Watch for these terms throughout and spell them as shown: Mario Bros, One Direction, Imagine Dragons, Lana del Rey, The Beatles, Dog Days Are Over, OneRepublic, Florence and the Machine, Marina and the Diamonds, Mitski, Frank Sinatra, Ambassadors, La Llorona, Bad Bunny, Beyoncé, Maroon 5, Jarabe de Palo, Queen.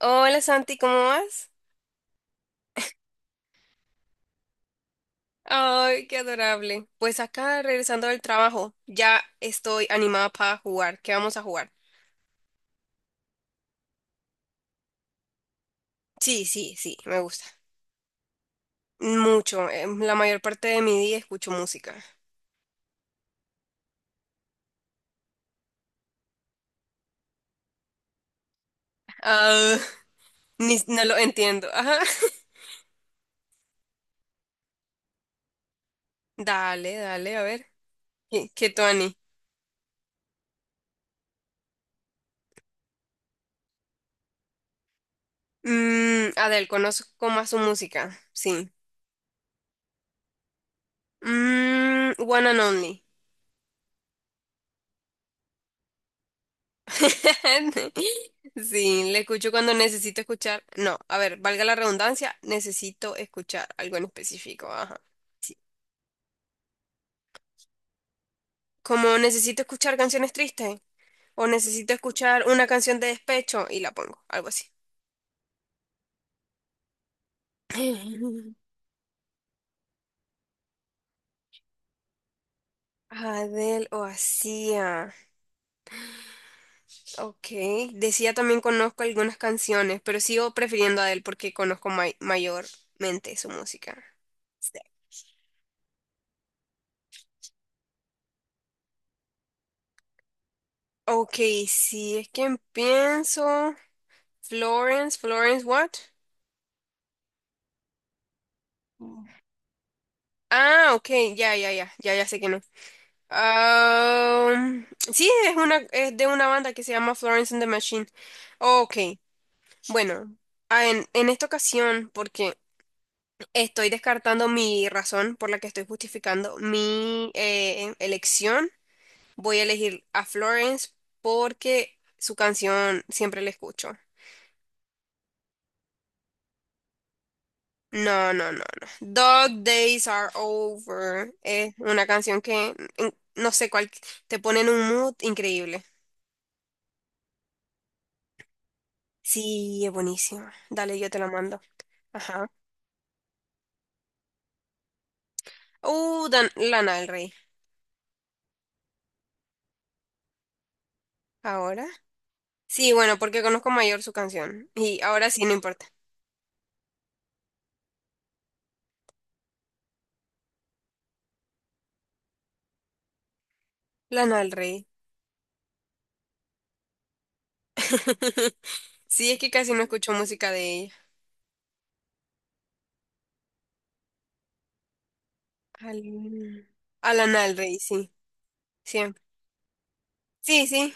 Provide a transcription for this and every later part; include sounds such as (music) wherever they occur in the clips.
Hola Santi, ¿cómo vas? Ay, qué adorable. Pues acá regresando del trabajo, ya estoy animada para jugar. ¿Qué vamos a jugar? Sí, sí, sí, me gusta. Mucho. La mayor parte de mi día escucho música. Ah, no lo entiendo. Ajá. (laughs) Dale, dale, a ver. ¿Qué Tuani? Mm, Adele, conozco más su música. Sí. Mm, One and Only. (laughs) Sí, le escucho cuando necesito escuchar. No, a ver, valga la redundancia, necesito escuchar algo en específico. Ajá. Sí, como necesito escuchar canciones tristes o necesito escuchar una canción de despecho y la pongo, algo así. (laughs) ¿Adele o Sia? Ok. De Sia también conozco algunas canciones, pero sigo prefiriendo a Adele porque conozco mayormente su música. Sí. Ok, si es que pienso. Florence, Florence, what? Ah, ok, ya, ya, ya, ya, ya sé que no. Am, sí, es una, es de una banda que se llama Florence and the Machine. Ok, bueno, ah, en esta ocasión, porque estoy descartando mi razón por la que estoy justificando mi elección, voy a elegir a Florence porque su canción siempre la escucho. No, no, no, no. Dog Days Are Over es una canción que, no sé cuál, te pone en un mood increíble. Sí, es buenísima. Dale, yo te la mando. Ajá. Lana del Rey. ¿Ahora? Sí, bueno, porque conozco mayor su canción. Y ahora sí, no importa. Lana del Rey. (laughs) Sí, es que casi no escucho música de ella. Al... A Lana del Rey, sí. Siempre. Sí, sí.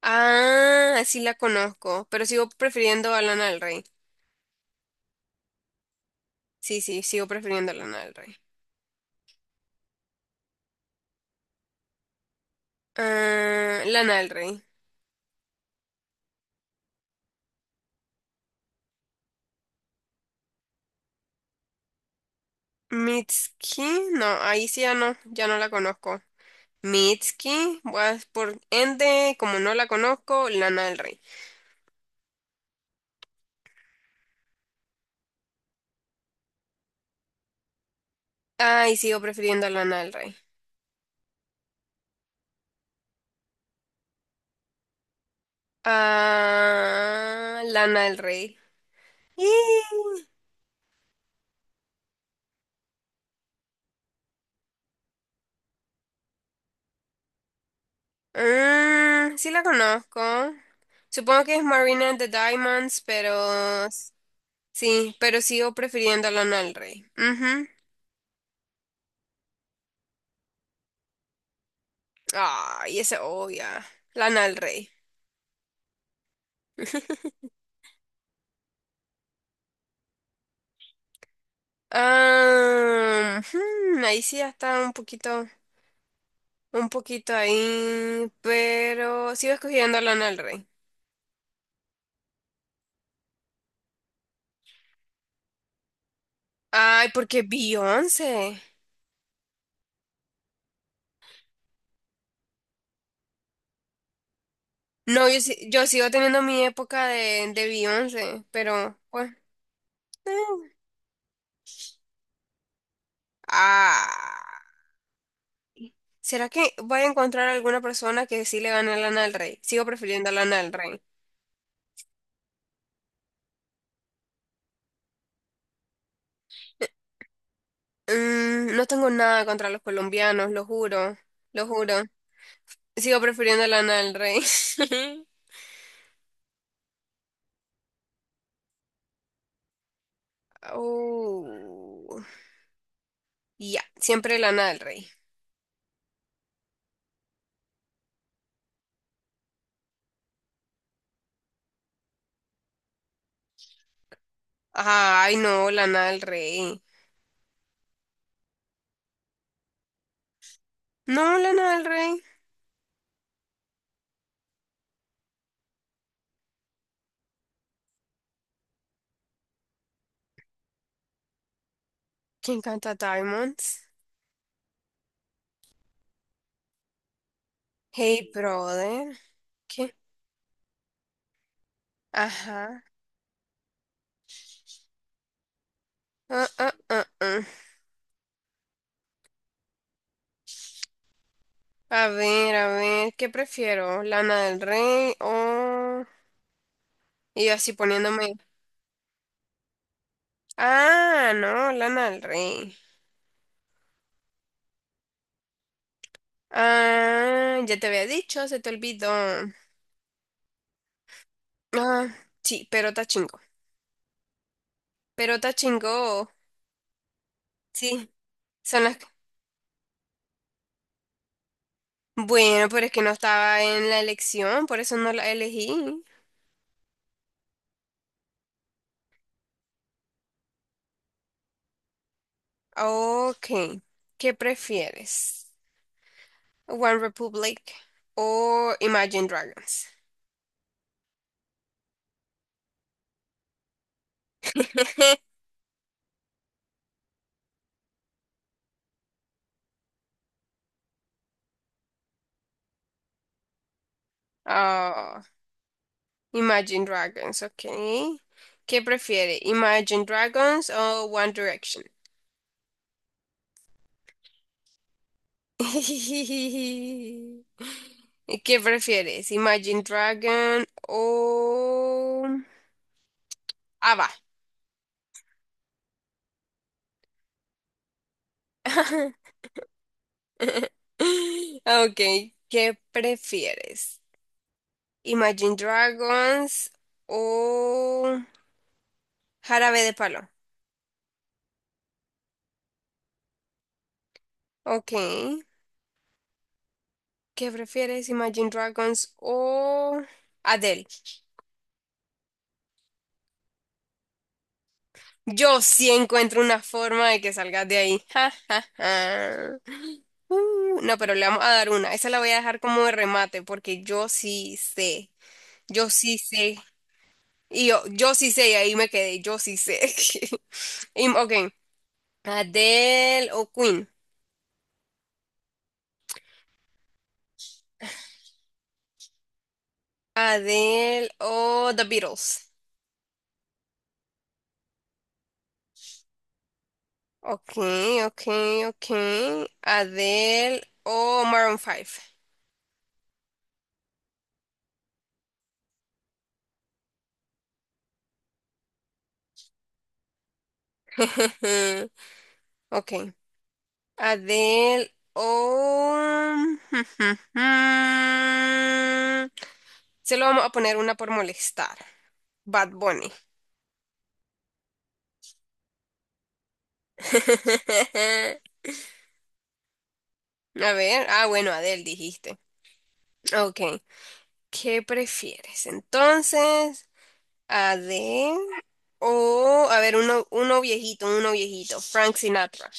Ah, sí la conozco, pero sigo prefiriendo a Lana del Rey. Sí, sí, sigo prefiriendo Lana del Rey. Ah, Lana del Rey. Mitski, no, ahí sí ya no, ya no la conozco. Mitski, pues por ende, como no la conozco, Lana del Rey. Ay, sigo prefiriendo a Lana del Rey. Ah, Lana del Rey. Ih, mm, sí la conozco. Supongo que es Marina and the Diamonds, pero sí, pero sigo prefiriendo a Lana del Rey. Ujú. Ay, esa obvia. Lana del Rey. (laughs) Ah, hmm, ahí sí ya está un poquito ahí, pero sigo escogiendo a Lana del Rey. Ay, porque Beyoncé. No, yo, yo sigo teniendo mi época de Beyoncé, pero pues. eh. Ay. ¿Será que voy a encontrar alguna persona que sí le gane a Lana del Rey? Sigo prefiriendo a Lana del Rey. Mm, no tengo nada contra los colombianos, lo juro, lo juro. Sigo prefiriendo Lana del Rey. (laughs) Oh, ya, siempre Lana del Rey. Ay, no, Lana del Rey. No, Lana del Rey. ¿Quién canta Diamonds? Hey, brother. ¿Qué? Ajá. Ah, ah, ah, ah. A ver, ¿qué prefiero? ¿Lana del Rey o...? Y yo así poniéndome... Ah, no, Lana del Rey. Ah, ya te había dicho, se te olvidó. Ah, sí, pero está chingón. Pero Tachingo, sí, son las... Bueno, pero es que no estaba en la elección, por eso no la elegí. Ok, ¿qué prefieres? ¿One Republic o Imagine Dragons? (laughs) Ah, Imagine Dragons, ok. ¿Qué prefiere? ¿Imagine Dragons o One Direction? (laughs) ¿Y ¿qué prefieres? ¿Imagine Dragon o Ava? (laughs) (laughs) Ok, ¿qué prefieres? ¿Imagine Dragons o Jarabe de Palo? Ok, ¿qué prefieres? ¿Imagine Dragons o Adele? Yo sí encuentro una forma de que salgas de ahí. (laughs) Ja, ja, ja. No, pero le vamos a dar una. Esa la voy a dejar como de remate porque yo sí sé. Yo sí sé. Y yo sí sé, y ahí me quedé. Yo sí sé. (laughs) Ok, ¿Adele o Queen? ¿Adele o The Beatles? Ok, ok, ok. ¿Adele o Maroon Five? (laughs) Ok. Adele o... (laughs) Se lo vamos a poner una por molestar. Bad Bunny. (laughs) A ver. Ah, bueno, Adele dijiste. Ok. ¿Qué prefieres? Entonces... A de... O, a ver, uno, uno viejito, Frank Sinatra.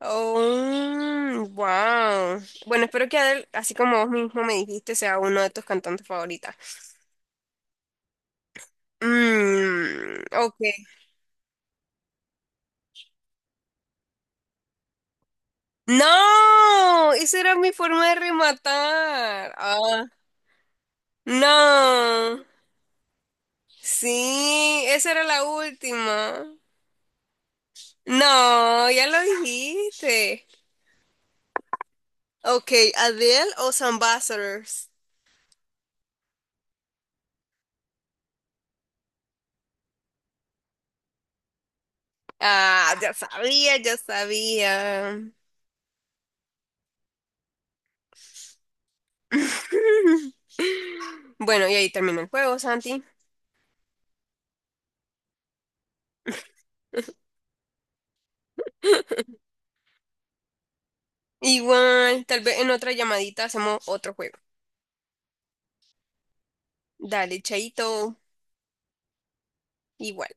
Oh, wow. Bueno, espero que Adele, así como vos mismo me dijiste, sea uno de tus cantantes favoritas. Mm, ok. ¡No! Esa era mi forma de rematar. Ah, no. Sí, esa era la última. No, ya lo dijiste. Ok, ¿Adele o Ambassadors? Ah, ya sabía, ya sabía. (laughs) Bueno, y ahí termina el juego, Santi. (laughs) Igual, tal vez en otra llamadita hacemos otro juego. Dale, chaito, igual.